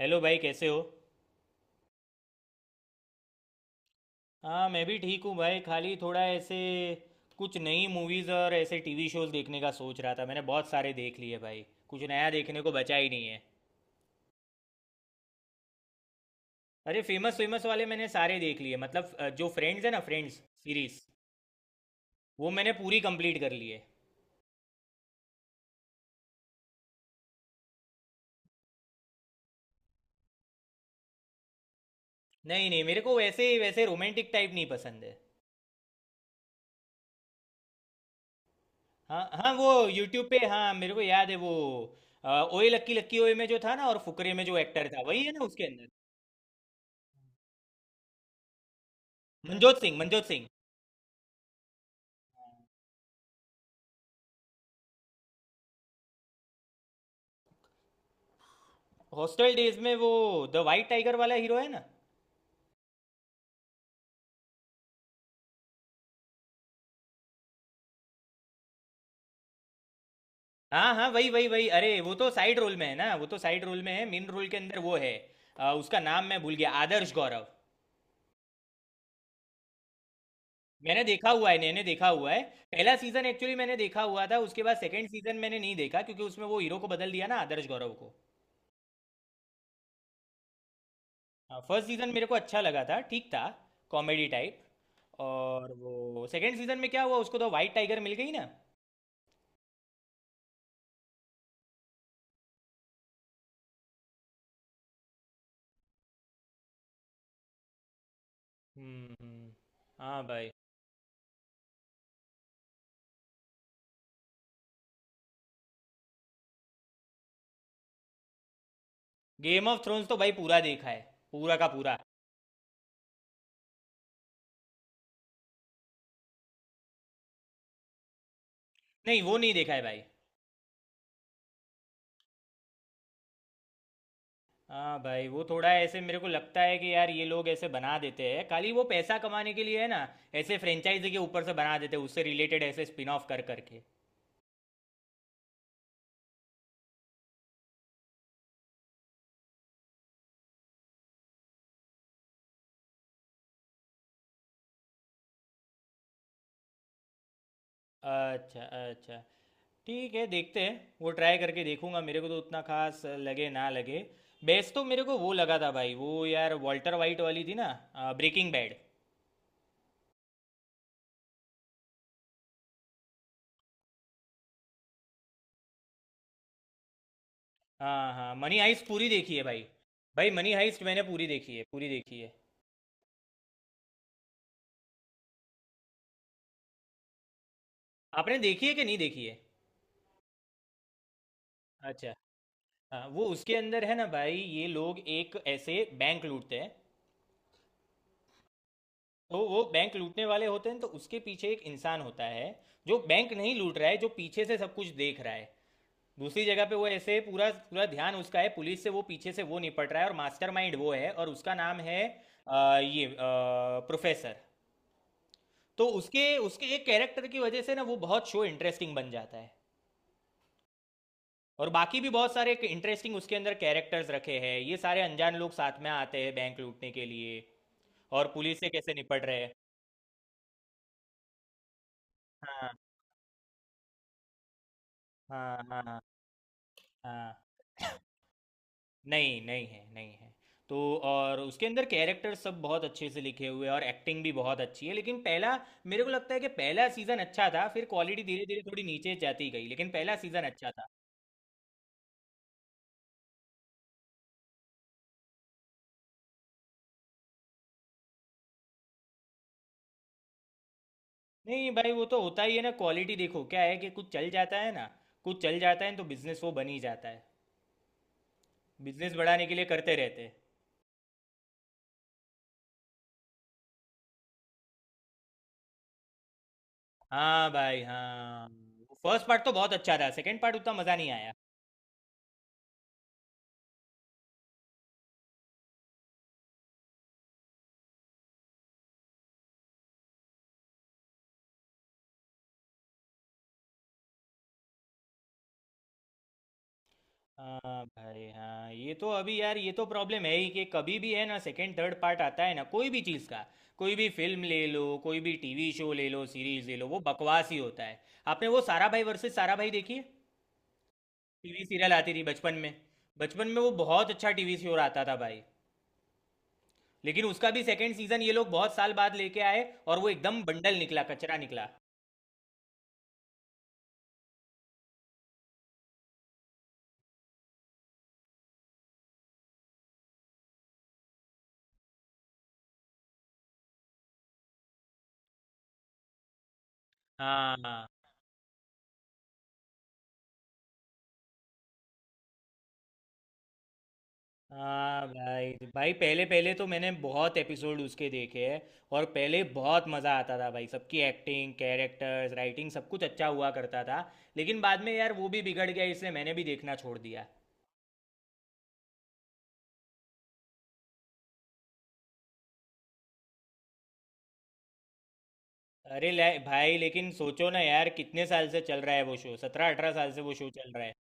Hello भाई कैसे हो। हाँ मैं भी ठीक हूँ भाई, खाली थोड़ा ऐसे कुछ नई मूवीज़ और ऐसे टीवी शोज़ देखने का सोच रहा था। मैंने बहुत सारे देख लिए भाई, कुछ नया देखने को बचा ही नहीं है। अरे फेमस फेमस वाले मैंने सारे देख लिए, मतलब जो फ्रेंड्स है ना, फ्रेंड्स सीरीज, वो मैंने पूरी कंप्लीट कर ली है। नहीं नहीं, मेरे को वैसे वैसे रोमांटिक टाइप नहीं पसंद है। हाँ हाँ वो यूट्यूब पे, हाँ मेरे को याद है वो। ओए लक्की लक्की ओए में जो था ना, और फुकरे में जो एक्टर था वही है ना उसके अंदर। मनजोत सिंह, मनजोत सिंह। हॉस्टल डेज में वो द वाइट टाइगर वाला हीरो है ना। हाँ हाँ वही वही वही, अरे वो तो साइड रोल में है ना, वो तो साइड रोल में है, मेन रोल के अंदर वो है। उसका नाम मैं भूल गया, आदर्श गौरव। मैंने देखा हुआ है, मैंने देखा हुआ है। पहला सीजन एक्चुअली मैंने देखा हुआ था, उसके बाद सेकंड सीजन मैंने नहीं देखा, क्योंकि उसमें वो हीरो को बदल दिया ना, आदर्श गौरव को। फर्स्ट सीजन मेरे को अच्छा लगा था, ठीक था, कॉमेडी टाइप। और वो सेकंड सीजन में क्या हुआ, उसको तो वाइट टाइगर मिल गई ना। हम्म हम्म, हाँ भाई। गेम ऑफ थ्रोन्स तो भाई पूरा देखा है, पूरा का पूरा। नहीं, वो नहीं देखा है भाई। हाँ भाई, वो थोड़ा ऐसे मेरे को लगता है कि यार ये लोग ऐसे बना देते हैं, खाली वो पैसा कमाने के लिए है ना। ऐसे फ्रेंचाइजी के ऊपर से बना देते हैं, उससे रिलेटेड ऐसे स्पिन ऑफ कर करके। अच्छा अच्छा, ठीक है, देखते हैं। वो ट्राई करके देखूंगा, मेरे को तो उतना खास लगे ना लगे। बेस्ट तो मेरे को वो लगा था भाई, वो यार वॉल्टर वाइट वाली थी ना, ब्रेकिंग बैड। हाँ हाँ, मनी हाइस्ट पूरी देखी है भाई, भाई मनी हाइस्ट मैंने पूरी देखी है, पूरी देखी है। आपने देखी है कि नहीं देखी है। अच्छा, हाँ वो उसके अंदर है ना भाई, ये लोग एक ऐसे बैंक लूटते हैं। तो वो बैंक लूटने वाले होते हैं, तो उसके पीछे एक इंसान होता है जो बैंक नहीं लूट रहा है, जो पीछे से सब कुछ देख रहा है। दूसरी जगह पे वो ऐसे पूरा पूरा ध्यान उसका है, पुलिस से वो पीछे से वो निपट रहा है, और मास्टरमाइंड वो है, और उसका नाम है ये प्रोफेसर। तो उसके उसके एक कैरेक्टर की वजह से ना वो बहुत शो इंटरेस्टिंग बन जाता है। और बाकी भी बहुत सारे इंटरेस्टिंग उसके अंदर कैरेक्टर्स रखे हैं, ये सारे अनजान लोग साथ में आते हैं बैंक लूटने के लिए, और पुलिस से कैसे निपट रहे हैं। हाँ हाँ हाँ हाँ, नहीं नहीं है, नहीं है तो। और उसके अंदर कैरेक्टर सब बहुत अच्छे से लिखे हुए हैं, और एक्टिंग भी बहुत अच्छी है, लेकिन पहला मेरे को लगता है कि पहला सीज़न अच्छा था, फिर क्वालिटी धीरे धीरे थोड़ी नीचे जाती गई, लेकिन पहला सीज़न अच्छा था। नहीं भाई, वो तो होता ही है ना, क्वालिटी देखो क्या है कि कुछ चल जाता है ना, कुछ चल जाता है तो बिजनेस वो बन ही जाता है, बिजनेस बढ़ाने के लिए करते रहते हैं। हाँ भाई हाँ, फर्स्ट पार्ट तो बहुत अच्छा था, सेकंड पार्ट उतना मज़ा नहीं आया। हाँ भाई हाँ, ये तो अभी यार ये तो प्रॉब्लम है ही कि कभी भी है ना, सेकंड थर्ड पार्ट आता है ना कोई भी चीज़ का, कोई भी फिल्म ले लो, कोई भी टीवी शो ले लो, सीरीज ले लो, वो बकवास ही होता है। आपने वो सारा भाई वर्सेस सारा भाई देखी है। टीवी सीरियल आती थी बचपन में। बचपन में वो बहुत अच्छा टीवी शो आता था भाई, लेकिन उसका भी सेकंड सीजन ये लोग बहुत साल बाद लेके आए, और वो एकदम बंडल निकला, कचरा निकला। हाँ हाँ। हाँ भाई, भाई पहले पहले तो मैंने बहुत एपिसोड उसके देखे हैं, और पहले बहुत मज़ा आता था भाई, सबकी एक्टिंग, कैरेक्टर्स, राइटिंग, सब कुछ अच्छा हुआ करता था। लेकिन बाद में यार वो भी बिगड़ गया, इसलिए मैंने भी देखना छोड़ दिया। अरे भाई लेकिन सोचो ना यार, कितने साल से चल रहा है वो शो, 17-18 साल से वो शो चल रहा है।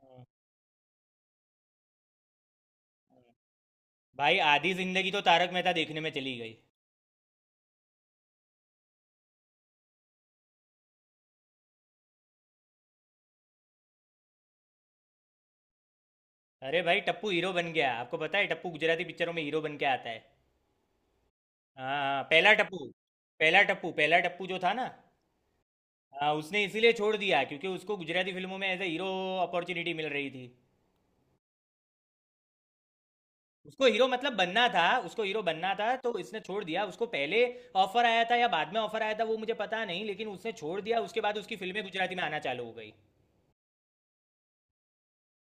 हाँ, हाँ। भाई आधी जिंदगी तो तारक मेहता देखने में चली गई। अरे भाई टप्पू हीरो बन गया, आपको पता है, टप्पू गुजराती पिक्चरों में हीरो बन के आता है। हाँ हाँ, पहला टप्पू, पहला टप्पू, पहला टप्पू जो था ना। हाँ उसने इसीलिए छोड़ दिया, क्योंकि उसको गुजराती फिल्मों में एज ए हीरो अपॉर्चुनिटी मिल रही थी। उसको हीरो मतलब बनना था, उसको हीरो बनना था, तो इसने छोड़ दिया उसको। पहले ऑफर आया था या बाद में ऑफर आया था वो मुझे पता नहीं, लेकिन उसने छोड़ दिया, उसके बाद उसकी फिल्में गुजराती में आना चालू हो गई।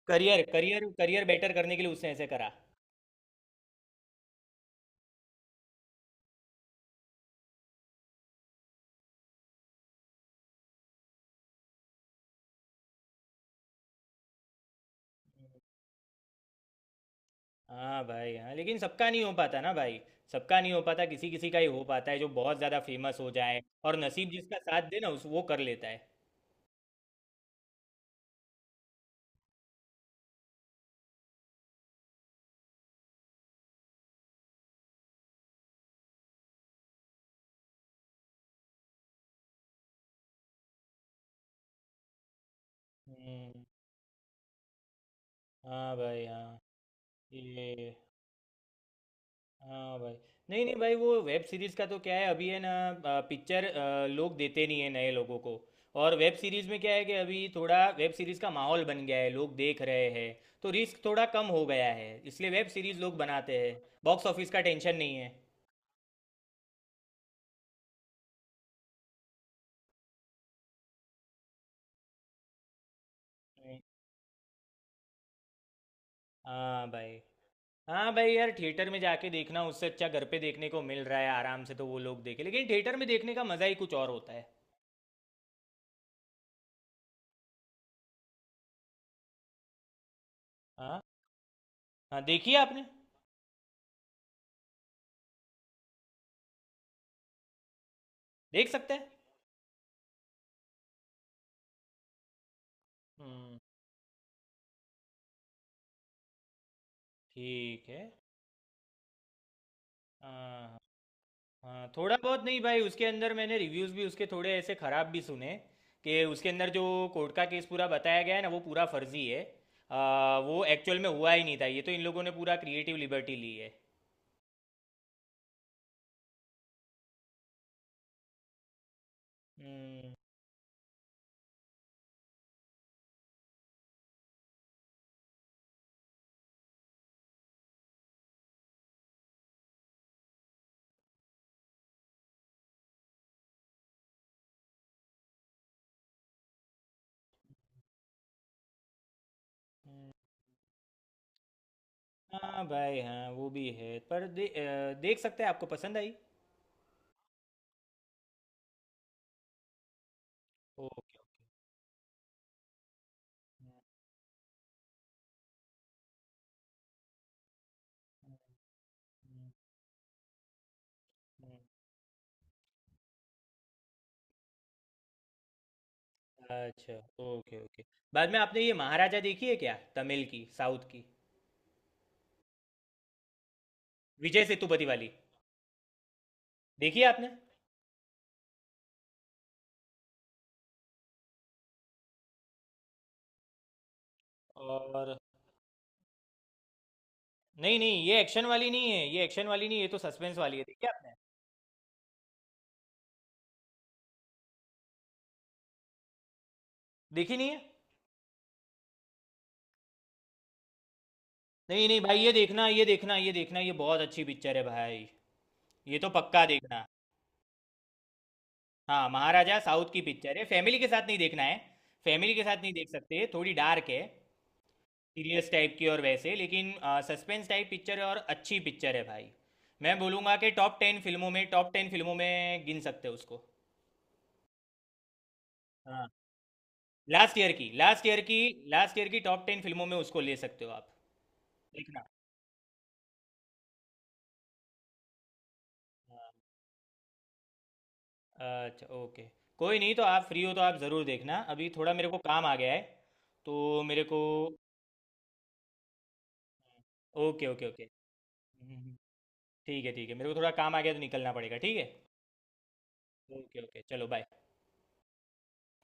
करियर करियर करियर बेटर करने के लिए उसने ऐसे करा। हाँ भाई हाँ, लेकिन सबका नहीं हो पाता ना भाई, सबका नहीं हो पाता, किसी किसी का ही हो पाता है, जो बहुत ज़्यादा फेमस हो जाए और नसीब जिसका साथ दे ना उस, वो कर लेता है। हम्म, हाँ भाई हाँ, ये हाँ भाई, नहीं नहीं भाई, वो वेब सीरीज़ का तो क्या है अभी है ना, पिक्चर लोग देते नहीं है नए लोगों को। और वेब सीरीज़ में क्या है कि अभी थोड़ा वेब सीरीज़ का माहौल बन गया है, लोग देख रहे हैं, तो रिस्क थोड़ा कम हो गया है, इसलिए वेब सीरीज़ लोग बनाते हैं, बॉक्स ऑफिस का टेंशन नहीं है। नहीं। हाँ भाई, हाँ भाई यार, थिएटर में जाके देखना, उससे अच्छा घर पे देखने को मिल रहा है आराम से, तो वो लोग देखे, लेकिन थिएटर में देखने का मज़ा ही कुछ और होता है। हाँ हाँ, देखिए आपने, देख सकते हैं। हम्म, ठीक है। हाँ हाँ हाँ, थोड़ा बहुत, नहीं भाई उसके अंदर मैंने रिव्यूज़ भी उसके थोड़े ऐसे ख़राब भी सुने, कि उसके अंदर जो कोर्ट का केस पूरा बताया गया है ना, वो पूरा फर्जी है। वो एक्चुअल में हुआ ही नहीं था, ये तो इन लोगों ने पूरा क्रिएटिव लिबर्टी ली है। हम्म हम्म। हाँ भाई हाँ, वो भी है पर देख सकते हैं, आपको पसंद आई। Okay okay. हम्म, हम्म, हम्म, अच्छा, ओके ओके, बाद में आपने ये महाराजा देखी है क्या, तमिल की, साउथ की, विजय सेतुपति वाली, देखी है आपने। और नहीं नहीं, ये एक्शन वाली नहीं है, ये एक्शन वाली नहीं है, ये तो सस्पेंस वाली है, देखी आपने। देखी नहीं है। नहीं नहीं भाई, ये देखना, ये देखना, ये देखना, ये बहुत अच्छी पिक्चर है भाई, ये तो पक्का देखना। हाँ महाराजा, साउथ की पिक्चर है, फैमिली के साथ नहीं देखना है, फैमिली के साथ नहीं देख सकते, थोड़ी डार्क है, सीरियस टाइप की, और वैसे लेकिन सस्पेंस टाइप पिक्चर है, और अच्छी पिक्चर है भाई। मैं बोलूँगा कि टॉप 10 फिल्मों में, टॉप 10 फिल्मों में गिन सकते हो उसको। हाँ लास्ट ईयर की, लास्ट ईयर की, लास्ट ईयर की टॉप 10 फिल्मों में उसको ले सकते हो आप। देखना। हाँ। अच्छा ओके कोई नहीं, तो आप फ्री हो तो आप ज़रूर देखना, अभी थोड़ा मेरे को काम आ गया है तो मेरे को। Okay okay okay. हम्म, हम्म, हम्म। ठीक है, ठीक है, मेरे को थोड़ा काम आ गया तो निकलना पड़ेगा, ठीक है। ओके ओके, चलो बाय।